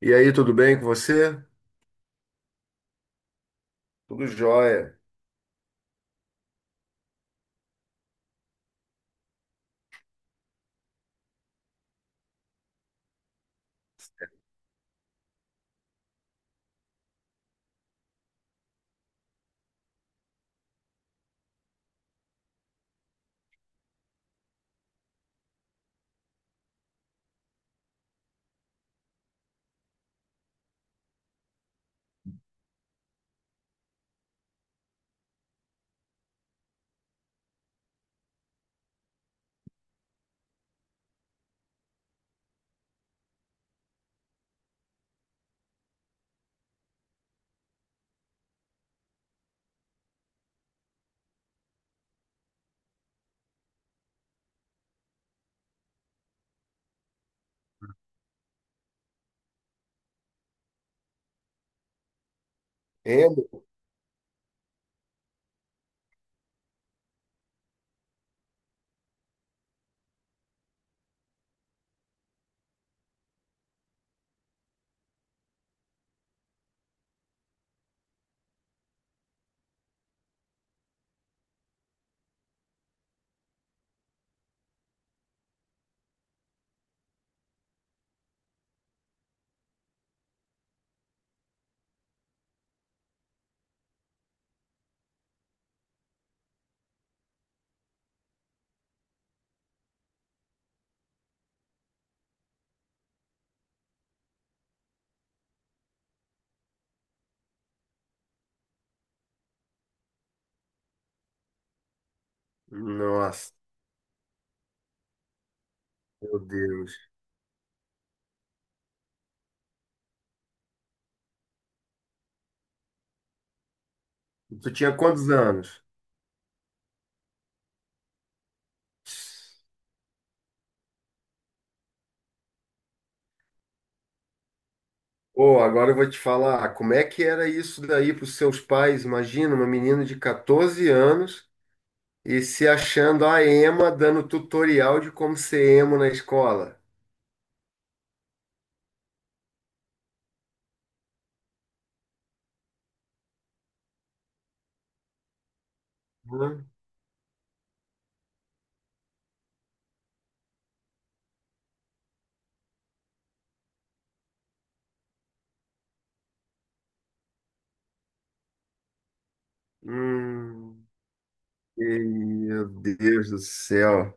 E aí, tudo bem com você? Tudo jóia. Emo? Nossa, meu Deus. Tu tinha quantos anos? Pô, agora eu vou te falar, como é que era isso daí para os seus pais? Imagina uma menina de 14 anos e se achando a ema dando tutorial de como ser emo na escola. Hã? Hum, e- meu Deus do céu.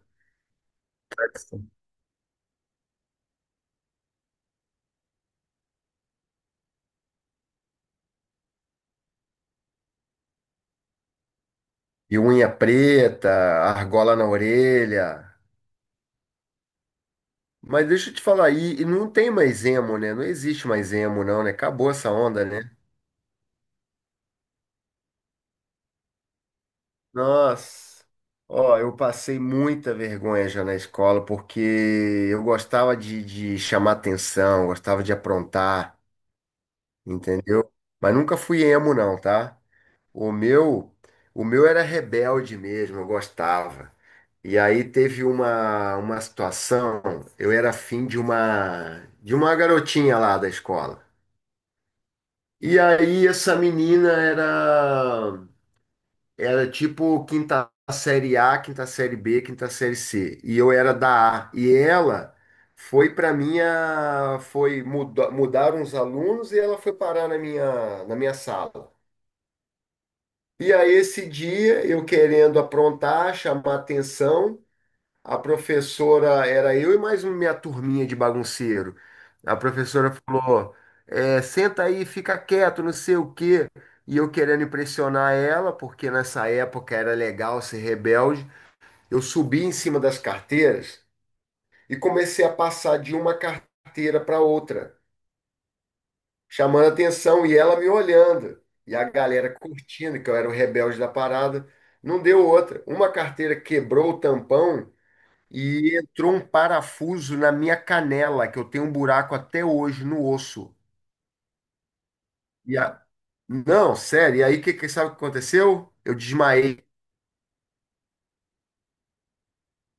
E unha preta, argola na orelha. Mas deixa eu te falar, e não tem mais emo, né? Não existe mais emo, não, né? Acabou essa onda, né? Nossa, ó, eu passei muita vergonha já na escola, porque eu gostava de chamar atenção, gostava de aprontar, entendeu? Mas nunca fui emo, não, tá? O meu, o meu era rebelde mesmo, eu gostava. E aí teve uma situação, eu era afim de uma garotinha lá da escola. E aí essa menina era era tipo quinta série A, quinta série B, quinta série C, e eu era da A. E ela foi para minha foi mudaram os alunos e ela foi parar na minha sala. E aí esse dia eu querendo aprontar, chamar atenção, a professora era eu e mais uma minha turminha de bagunceiro. A professora falou: é, senta aí, fica quieto, não sei o quê. E eu querendo impressionar ela, porque nessa época era legal ser rebelde, eu subi em cima das carteiras e comecei a passar de uma carteira para outra, chamando atenção e ela me olhando. E a galera curtindo que eu era o rebelde da parada. Não deu outra. Uma carteira quebrou o tampão e entrou um parafuso na minha canela, que eu tenho um buraco até hoje no osso. E a... Não, sério. E aí, sabe o que aconteceu? Eu desmaiei.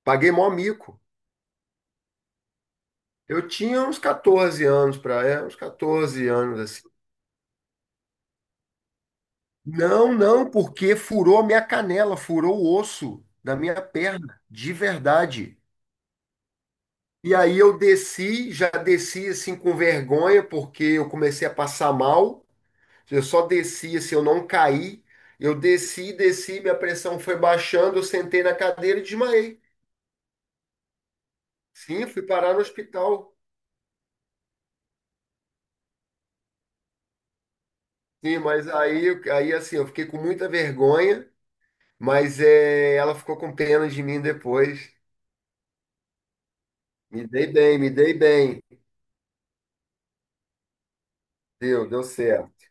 Paguei mó mico. Eu tinha uns 14 anos para, uns 14 anos assim. Não, não, porque furou a minha canela, furou o osso da minha perna, de verdade. E aí eu desci, já desci assim com vergonha, porque eu comecei a passar mal. Eu só desci, assim, eu não caí. Eu desci, desci, minha pressão foi baixando, eu sentei na cadeira e desmaiei. Sim, fui parar no hospital. Sim, mas aí, aí assim, eu fiquei com muita vergonha, mas ela ficou com pena de mim depois. Me dei bem, me dei bem. Deu, deu certo.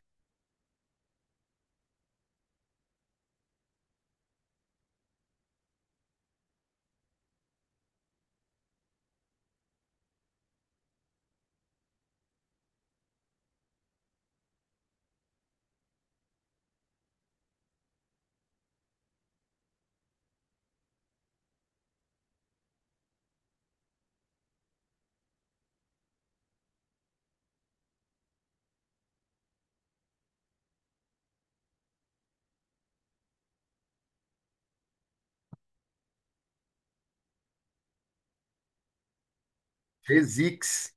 Fez X.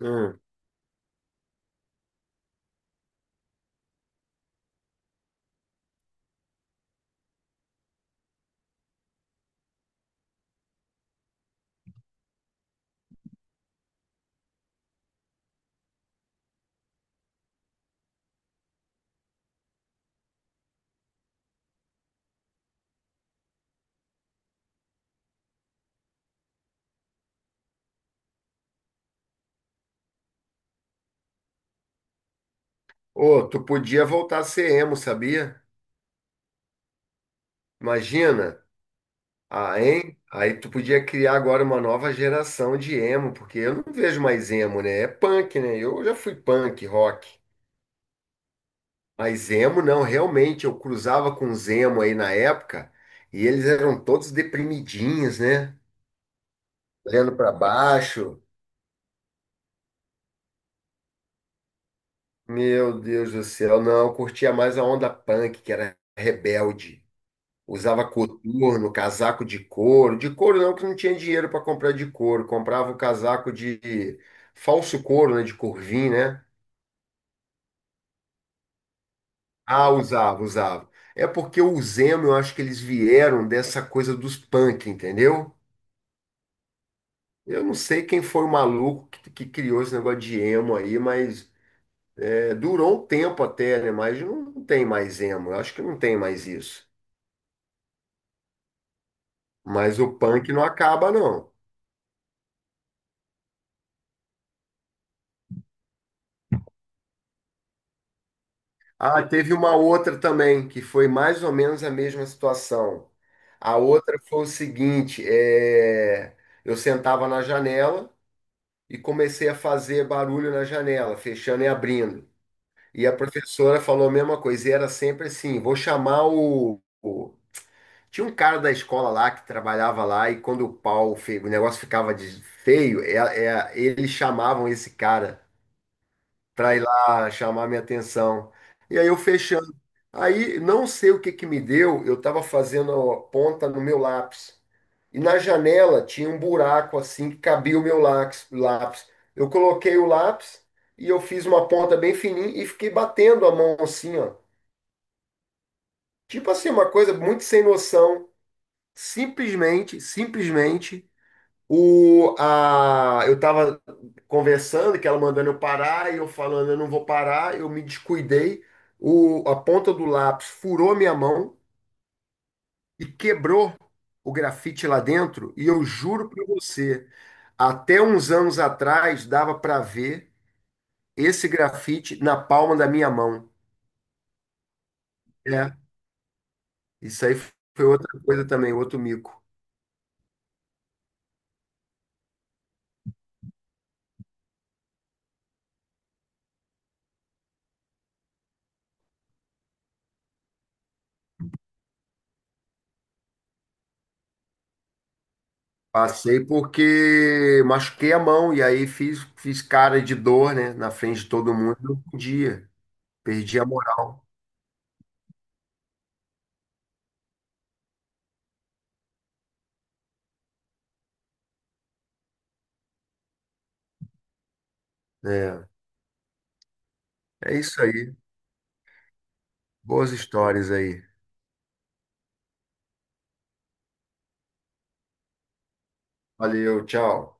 Hum. Ô, tu podia voltar a ser emo, sabia? Imagina. Ah, hein? Aí tu podia criar agora uma nova geração de emo, porque eu não vejo mais emo, né? É punk, né? Eu já fui punk, rock. Mas emo não, realmente, eu cruzava com os emo aí na época e eles eram todos deprimidinhos, né? Olhando pra baixo. Meu Deus do céu, não, eu curtia mais a onda punk, que era rebelde. Usava coturno, casaco de couro. De couro não, que não tinha dinheiro para comprar de couro. Comprava o casaco de falso couro, né? De corvim, né? Ah, usava, usava. É porque o Zemo, eu acho que eles vieram dessa coisa dos punk, entendeu? Eu não sei quem foi o maluco que criou esse negócio de emo aí, mas durou um tempo até, né? Mas não tem mais emo. Eu acho que não tem mais isso. Mas o punk não acaba, não. Ah, teve uma outra também, que foi mais ou menos a mesma situação. A outra foi o seguinte, eu sentava na janela e comecei a fazer barulho na janela, fechando e abrindo. E a professora falou a mesma coisa, e era sempre assim, vou chamar o... Tinha um cara da escola lá que trabalhava lá e quando o pau, o negócio ficava feio, eles chamavam esse cara para ir lá chamar minha atenção. E aí eu fechando. Aí, não sei o que que me deu, eu estava fazendo a ponta no meu lápis. E na janela tinha um buraco assim que cabia o meu lápis. Eu coloquei o lápis e eu fiz uma ponta bem fininha e fiquei batendo a mão assim, ó. Tipo assim, uma coisa muito sem noção. Simplesmente, simplesmente, eu estava conversando, que ela mandando eu parar, e eu falando, eu não vou parar, eu me descuidei. A ponta do lápis furou minha mão e quebrou o grafite lá dentro. E eu juro para você, até uns anos atrás dava para ver esse grafite na palma da minha mão. É, isso aí foi outra coisa também, outro mico. Passei porque machuquei a mão e aí fiz cara de dor, né, na frente de todo mundo. Um dia, perdi a moral. É, é isso aí. Boas histórias aí. Valeu, tchau.